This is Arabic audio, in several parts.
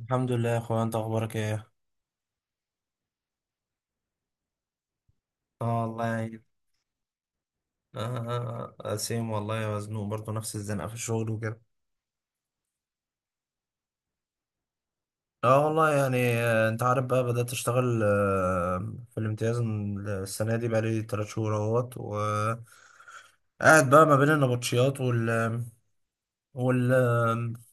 الحمد لله يا اخويا، انت اخبارك ايه؟ اه والله يعني. آه آه، سيم والله مزنوق برضه نفس الزنقة في الشغل وكده. اه والله يعني. انت عارف بقى، بدأت اشتغل في الامتياز السنة دي، بقالي تلات شهور اهوت و قاعد بقى ما بين النبطشيات وال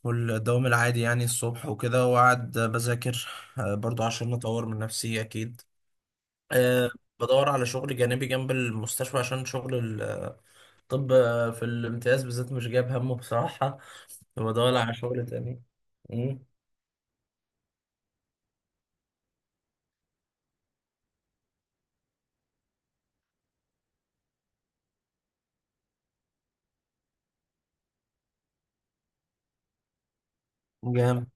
والدوام العادي، يعني الصبح وكده، وقاعد بذاكر. برضو عشان اطور من نفسي اكيد. آه، بدور على شغل جانبي جنب المستشفى عشان شغل. طب في الامتياز بالذات مش جايب همه بصراحة. هو دور على شغل تاني. مم. جامد.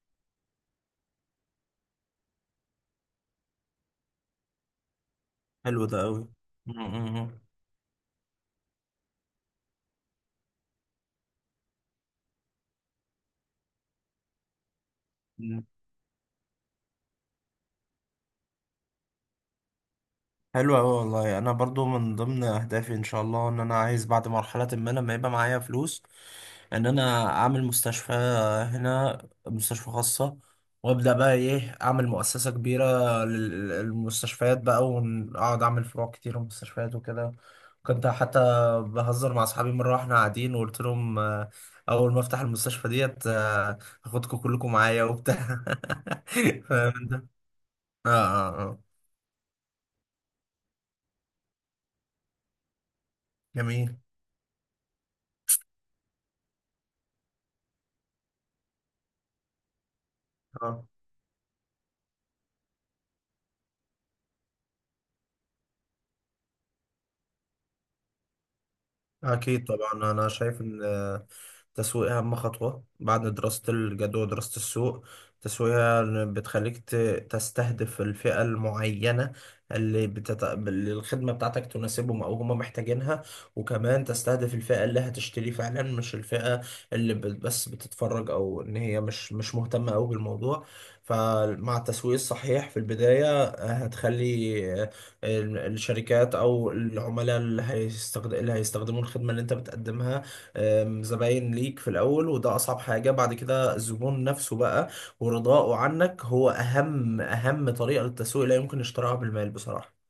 حلو ده قوي. حلو أوي والله يعني، أنا برضو من ضمن أهدافي إن شاء الله، إن أنا عايز بعد مرحلة ما، لما يبقى معايا فلوس، إن أنا أعمل مستشفى هنا، مستشفى خاصة، وأبدأ بقى إيه، أعمل مؤسسة كبيرة للمستشفيات بقى، وأقعد أعمل فروع كتير ومستشفيات وكده. كنت حتى بهزر مع أصحابي مرة وإحنا قاعدين، وقلت لهم أول ما أفتح المستشفى ديت هاخدكم كلكم معايا وبتاع. فاهم أنت؟ آه آه آه. جميل. آه. أكيد طبعا. أنا شايف إن التسويق أهم خطوة بعد دراسة الجدوى ودراسة السوق. التسويق هي اللي بتخليك تستهدف الفئة المعينة، اللي الخدمة بتاعتك تناسبهم أو هم محتاجينها. وكمان تستهدف الفئة اللي هتشتري فعلا، مش الفئة بس بتتفرج، أو إن هي مش مهتمة أوي بالموضوع. فمع التسويق الصحيح في البداية هتخلي الشركات او العملاء اللي هيستخدموا الخدمه اللي انت بتقدمها، زباين ليك في الاول. وده اصعب حاجه. بعد كده الزبون نفسه بقى ورضاؤه عنك هو اهم طريقه للتسويق، لا يمكن اشتراها بالمال بصراحه.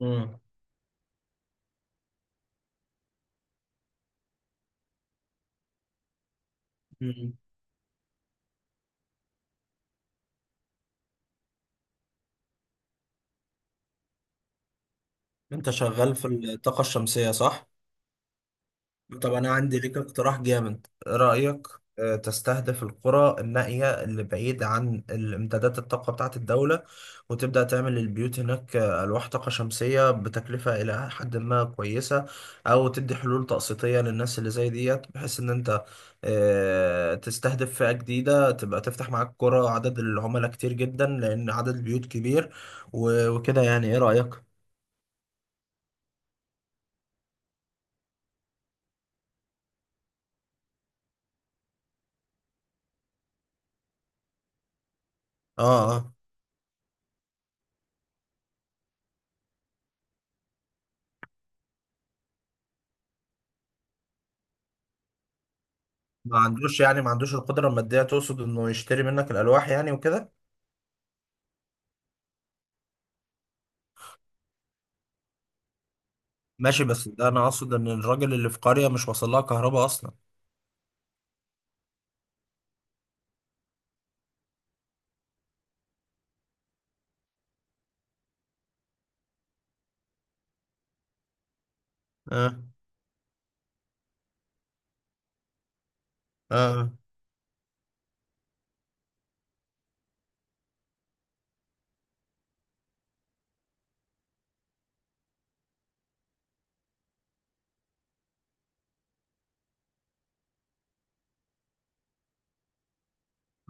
مم. مم. انت شغال في الطاقه الشمسيه، صح؟ طب أنا عندي ليك اقتراح جامد، إيه رأيك؟ تستهدف القرى النائية اللي بعيد عن الامدادات الطاقة بتاعة الدولة، وتبدأ تعمل للبيوت هناك ألواح طاقة شمسية بتكلفة إلى حد ما كويسة. أو تدي حلول تقسيطية للناس اللي زي ديت، بحيث إن أنت تستهدف فئة جديدة، تبقى تفتح معاك قرى، عدد العملاء كتير جدا لأن عدد البيوت كبير. وكده، يعني إيه رأيك؟ آه آه. ما عندوش، يعني ما عندوش القدرة المادية، تقصد انه يشتري منك الألواح يعني وكده. ماشي. بس ده انا اقصد ان الراجل اللي في قرية مش واصل لها كهرباء اصلا. اه اه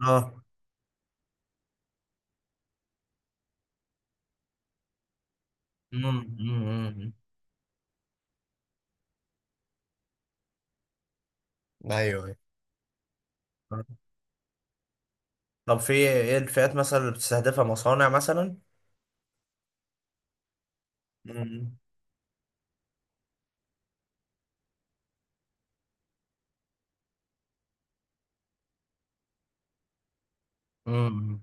اه. مم، مم، مم. ايوه أيوة. آه. طب في ايه الفئات مثلا اللي بتستهدفها، مصانع مثلا؟ مم. مم.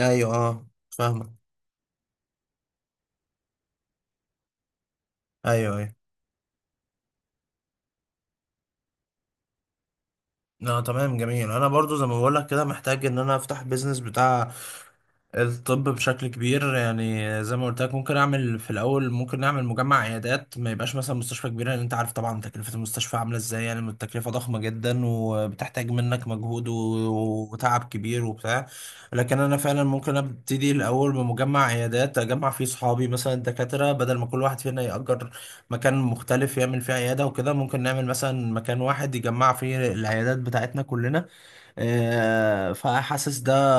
ايوه، اه فاهمك. ايوه ايوه. لا تمام جميل. انا برضو زي ما بقول لك كده، محتاج ان انا افتح بيزنس بتاع الطب بشكل كبير، يعني زي ما قلت لك، ممكن اعمل في الاول، ممكن نعمل مجمع عيادات. ما يبقاش مثلا مستشفى كبيره، لان انت عارف طبعا تكلفه المستشفى عامله ازاي، يعني التكلفه ضخمه جدا وبتحتاج منك مجهود وتعب كبير وبتاع. لكن انا فعلا ممكن ابتدي الاول بمجمع عيادات، اجمع فيه صحابي مثلا دكاتره، بدل ما كل واحد فينا يأجر مكان مختلف يعمل فيه عيادة وكده. ممكن نعمل مثلا مكان واحد يجمع فيه العيادات بتاعتنا كلنا. فحاسس ده،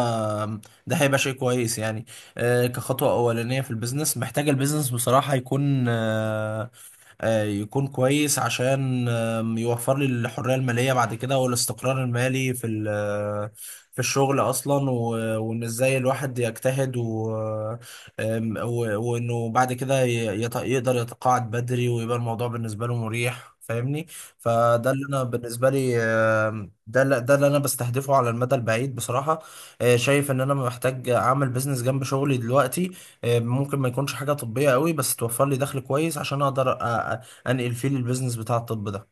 ده هيبقى شيء كويس يعني، كخطوة أولانية في البيزنس. محتاج البيزنس بصراحة يكون يكون كويس، عشان يوفر لي الحرية المالية بعد كده، والاستقرار المالي في في الشغل أصلا. وإن إزاي الواحد يجتهد و وإنه بعد كده يقدر يتقاعد بدري، ويبقى الموضوع بالنسبة له مريح، فاهمني؟ فده اللي أنا بالنسبة لي، ده اللي أنا بستهدفه على المدى البعيد بصراحة. شايف ان انا محتاج اعمل بيزنس جنب شغلي دلوقتي، ممكن ما يكونش حاجة طبية قوي، بس توفر لي دخل كويس عشان اقدر انقل فيه البيزنس بتاع الطب ده.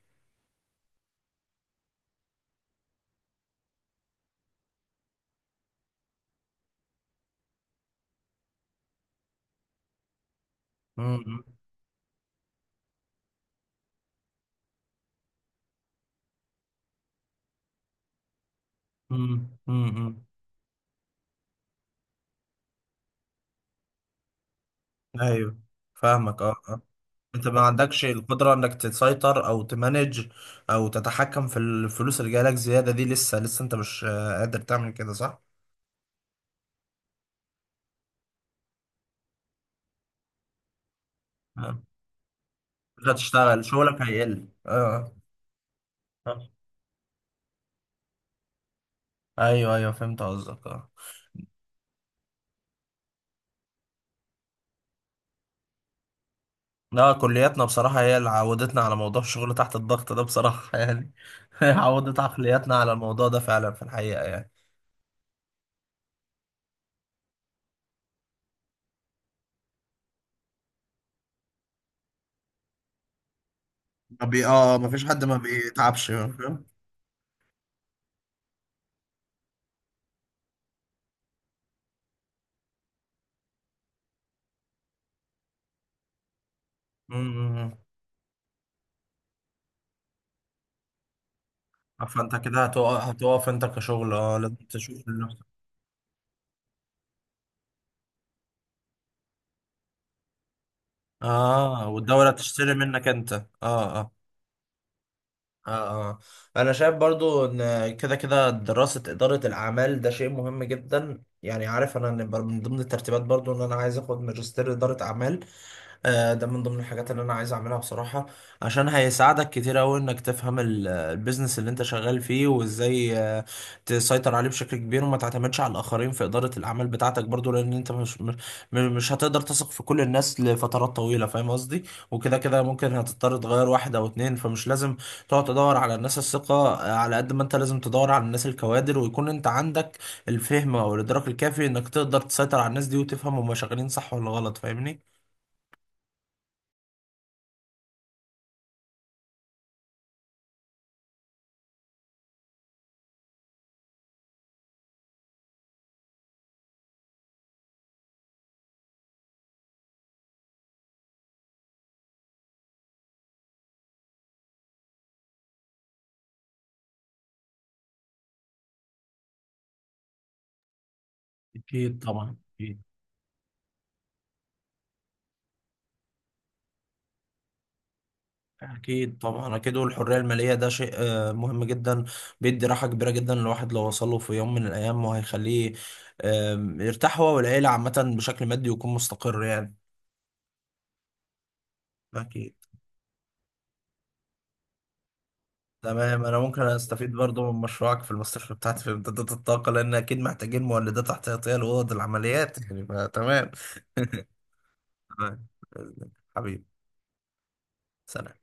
مم، مم، مم، مم. ايوه فاهمك. اه آه. انت ما عندكش القدرة انك تسيطر او تمانج او تتحكم في الفلوس اللي جايلك زيادة دي، لسه لسه انت مش قادر تعمل كده، صح؟ آه. مش هتشتغل، شغلك هيقل، اه. آه. ايوه ايوه فهمت قصدك اه. لا، كلياتنا بصراحة هي اللي عودتنا على موضوع الشغل تحت الضغط ده بصراحة يعني. هي عودت عقلياتنا على الموضوع ده فعلا في الحقيقة يعني. ما بي اه ما فيش حد ما بيتعبش، فاهم؟ امم فانت كده هتقف هتقف انت كشغل، اه، لازم تشوف لنفسك. اه، والدولة تشتري منك انت، اه اه. اه اه. انا شايف برضو ان كده كده دراسة إدارة الأعمال ده شيء مهم جدا يعني. عارف انا إن من ضمن الترتيبات برضو ان انا عايز اخد ماجستير إدارة أعمال. ده من ضمن الحاجات اللي انا عايز اعملها بصراحة، عشان هيساعدك كتير اوي انك تفهم البيزنس اللي انت شغال فيه، وازاي تسيطر عليه بشكل كبير، وما تعتمدش على الاخرين في ادارة الاعمال بتاعتك برضو، لان انت مش مش هتقدر تثق في كل الناس لفترات طويلة، فاهم قصدي؟ وكده كده ممكن هتضطر تغير واحد او اتنين، فمش لازم تقعد تدور على الناس الثقة، على قد ما انت لازم تدور على الناس الكوادر. ويكون انت عندك الفهم او الادراك الكافي انك تقدر تسيطر على الناس دي، وتفهم هما شغالين صح ولا غلط، فاهمني؟ أكيد طبعا أكيد. أكيد طبعا أكيد. والحرية المالية ده شيء مهم جدا، بيدي راحة كبيرة جدا الواحد لو وصله في يوم من الأيام، وهيخليه يرتاح هو والعيلة عامة بشكل مادي، ويكون مستقر يعني. أكيد. تمام. أنا ممكن أستفيد برضو من مشروعك في المستشفى بتاعتي في إمدادات الطاقة، لأن أكيد محتاجين مولدات احتياطية لأوض العمليات يعني، فتمام. تمام. حبيبي. سلام.